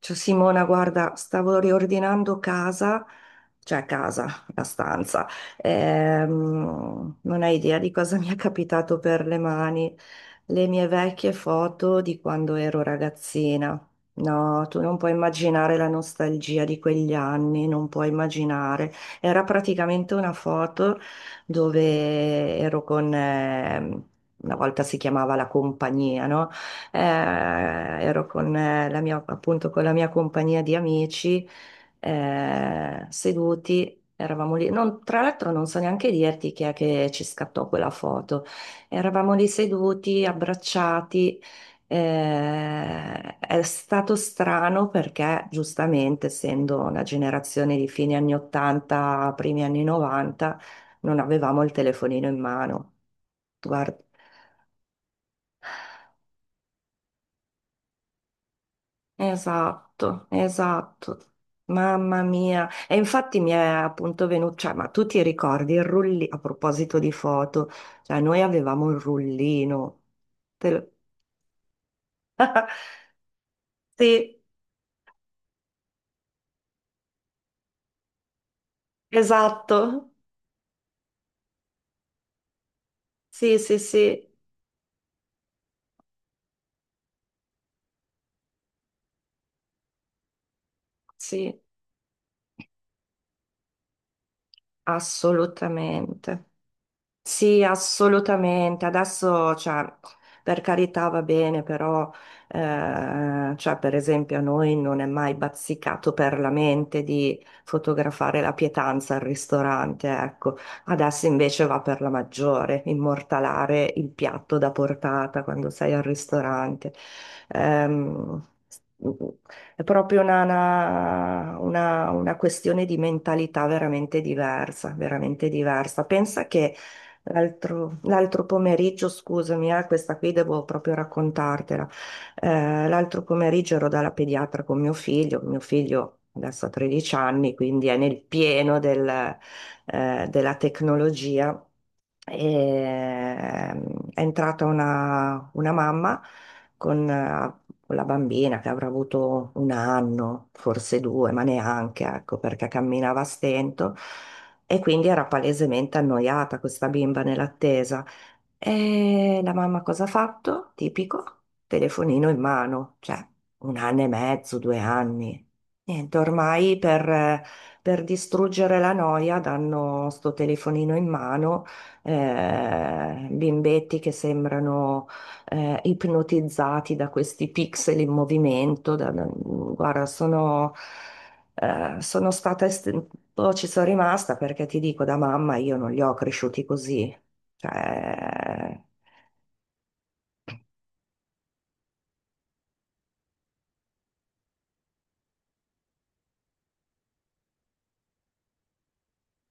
Ciao Simona, guarda, stavo riordinando casa, cioè casa, la stanza. Non hai idea di cosa mi è capitato per le mani, le mie vecchie foto di quando ero ragazzina. No, tu non puoi immaginare la nostalgia di quegli anni, non puoi immaginare. Era praticamente una foto dove ero con, una volta si chiamava la compagnia, no? eh, ero con la mia, appunto, con la mia compagnia di amici, seduti. Eravamo lì, tra l'altro non so neanche dirti chi è che ci scattò quella foto. Eravamo lì seduti, abbracciati. È stato strano perché, giustamente, essendo una generazione di fine anni 80, primi anni 90, non avevamo il telefonino in mano. Guarda. Esatto, esatto. Mamma mia. E infatti mi è appunto venuto, cioè, ma tu ti ricordi il rullino, a proposito di foto, cioè noi avevamo il rullino. Te lo- Sì, esatto. Sì, sì, sì, sì, assolutamente. Sì, assolutamente. Adesso, cioè, per carità va bene, però, cioè, per esempio, a noi non è mai bazzicato per la mente di fotografare la pietanza al ristorante, ecco. Adesso invece va per la maggiore, immortalare il piatto da portata quando sei al ristorante. Ehm, è proprio una questione di mentalità veramente diversa, veramente diversa. Pensa che l'altro pomeriggio, scusami, questa qui devo proprio raccontartela. L'altro pomeriggio ero dalla pediatra con mio figlio adesso ha 13 anni, quindi è nel pieno del, della tecnologia. E, ehm, è entrata una mamma con, eh, con la bambina che avrà avuto un anno, forse due, ma neanche, ecco, perché camminava a stento. E quindi era palesemente annoiata questa bimba nell'attesa. E la mamma cosa ha fatto? Tipico, telefonino in mano, cioè un anno e mezzo, due anni. Niente, per distruggere la noia danno sto telefonino in mano, bimbetti che sembrano ipnotizzati da questi pixel in movimento. Guarda, sono. Sono stata, un po' ci sono rimasta perché ti dico, da mamma io non li ho cresciuti così. Cioè,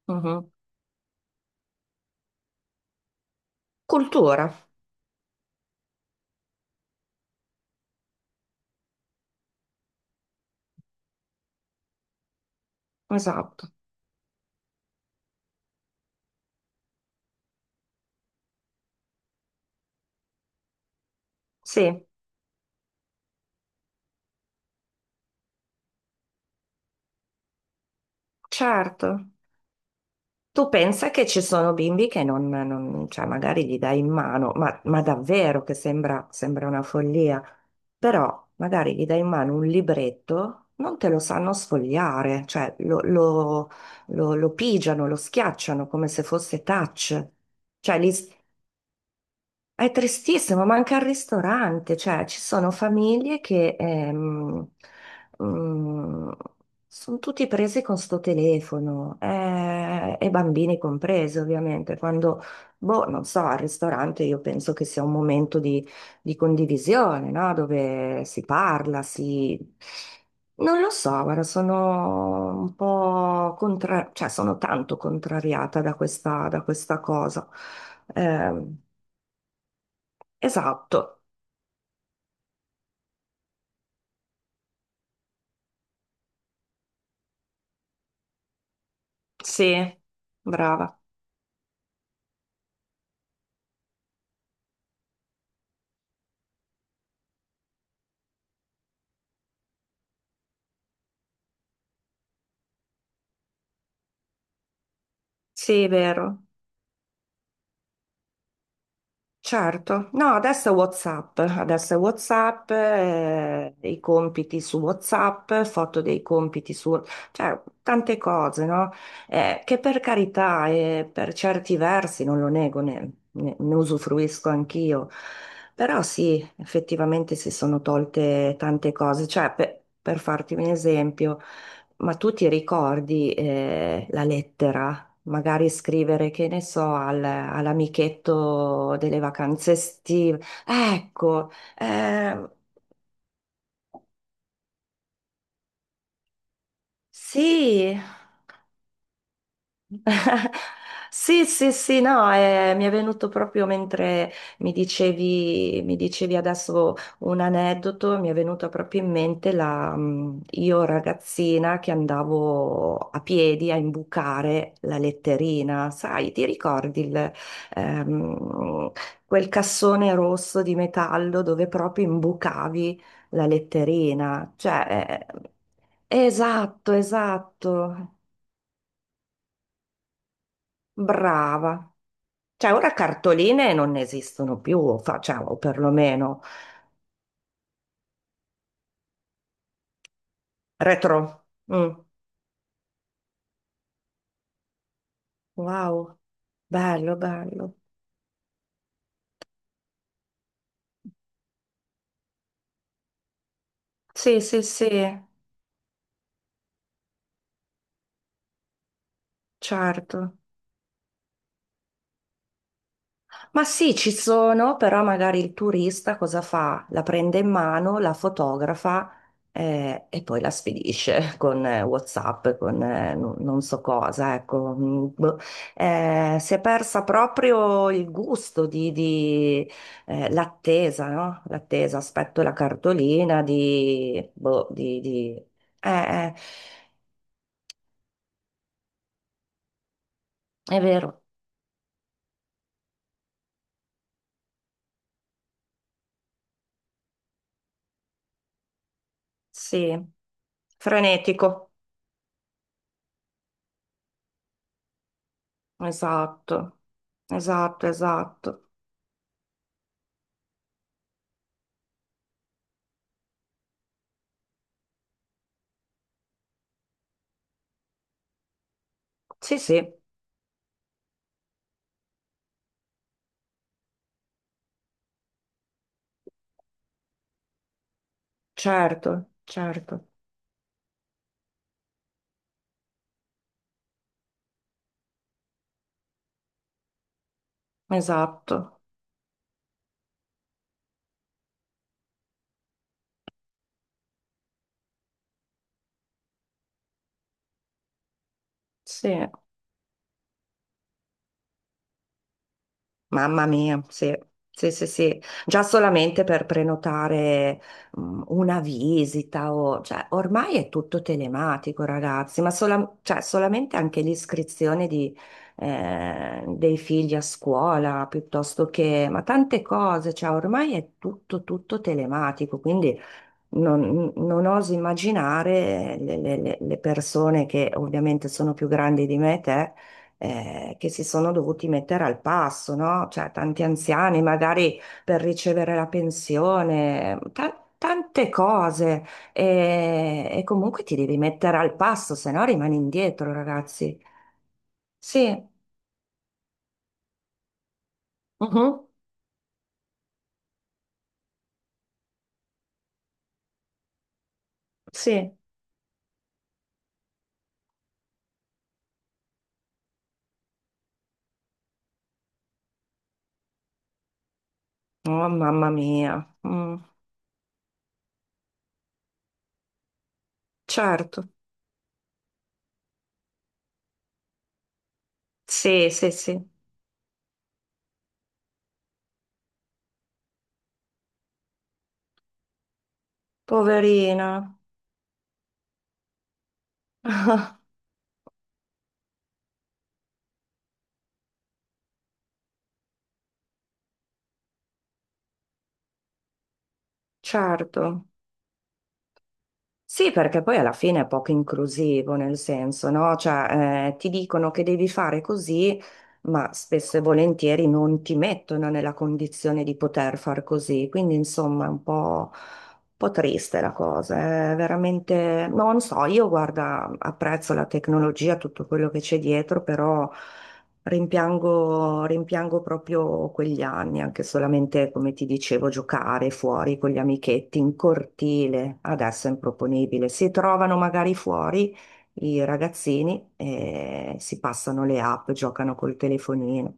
mhm. Cultura, esatto. Sì, certo. Tu pensa che ci sono bimbi che cioè magari gli dai in mano, ma davvero che sembra, sembra una follia, però magari gli dai in mano un libretto, non te lo sanno sfogliare, cioè lo pigiano, lo schiacciano come se fosse touch. Cioè, è tristissimo, manca il ristorante, cioè ci sono famiglie che mm, sono tutti presi con sto telefono e bambini compresi ovviamente. Quando, boh, non so, al ristorante io penso che sia un momento di condivisione, no? Dove si parla, si... Non lo so, guarda, sono un po' contra... cioè sono tanto contrariata da questa cosa. Ehm, Esatto, sì, brava, sì, vero, certo. No, adesso è WhatsApp, i compiti su WhatsApp, foto dei compiti su, cioè tante cose, no? Che per carità e per certi versi, non lo nego, ne usufruisco anch'io, però sì, effettivamente si sono tolte tante cose, per farti un esempio. Ma tu ti ricordi la lettera? Magari scrivere, che ne so, all'amichetto delle vacanze estive. Ecco, eh, sì. Sì, sì, sì, no, mi è venuto proprio mentre mi dicevi adesso un aneddoto, mi è venuta proprio in mente la, io ragazzina che andavo a piedi a imbucare la letterina, sai, ti ricordi il, ehm, quel cassone rosso di metallo dove proprio imbucavi la letterina? Cioè, esatto, esatto, brava. Cioè, ora cartoline non esistono più, facciamo perlomeno. Retro. Mm. Wow, bello, bello. Sì, sì, sì, certo. Ma sì, ci sono, però magari il turista cosa fa? La prende in mano, la fotografa e poi la spedisce con WhatsApp, con non non so cosa, ecco. Mm, boh. Si è persa proprio il gusto di, l'attesa, no? L'attesa, aspetto la cartolina di... Boh, di... Eh, è vero, sì. Frenetico, esatto, esatto, esatto. Sì, sì, certo, certo, esatto, sì, mamma mia, sì, sì, sì, sì, già solamente per prenotare mm, una visita o, cioè, ormai è tutto telematico, ragazzi, ma cioè, solamente anche l'iscrizione di, dei figli a scuola, piuttosto che, ma tante cose, cioè, ormai è tutto, tutto telematico, quindi... Non, non oso immaginare le, le persone che ovviamente sono più grandi di me e te, che si sono dovuti mettere al passo, no? Cioè, tanti anziani magari per ricevere la pensione, tante cose. E comunque ti devi mettere al passo, se no rimani indietro, ragazzi. Sì, mhm, sì. Oh, mamma mia. Mm, certo. Sì, sì, sì. Poverina. Certo, sì, perché poi alla fine è poco inclusivo, nel senso, no? Cioè, ti dicono che devi fare così, ma spesso e volentieri non ti mettono nella condizione di poter far così. Quindi, insomma, è un po' triste la cosa. Eh, è veramente, non so, io guarda, apprezzo la tecnologia, tutto quello che c'è dietro, però. Rimpiango, rimpiango proprio quegli anni, anche solamente, come ti dicevo, giocare fuori con gli amichetti in cortile. Adesso è improponibile. Si trovano magari fuori i ragazzini e si passano le app, giocano col telefonino.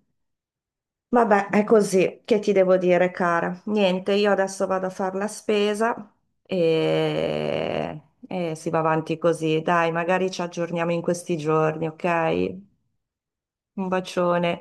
Vabbè, è così. Che ti devo dire, cara? Niente, io adesso vado a fare la spesa e, e si va avanti così. Dai, magari ci aggiorniamo in questi giorni, ok? Un bacione.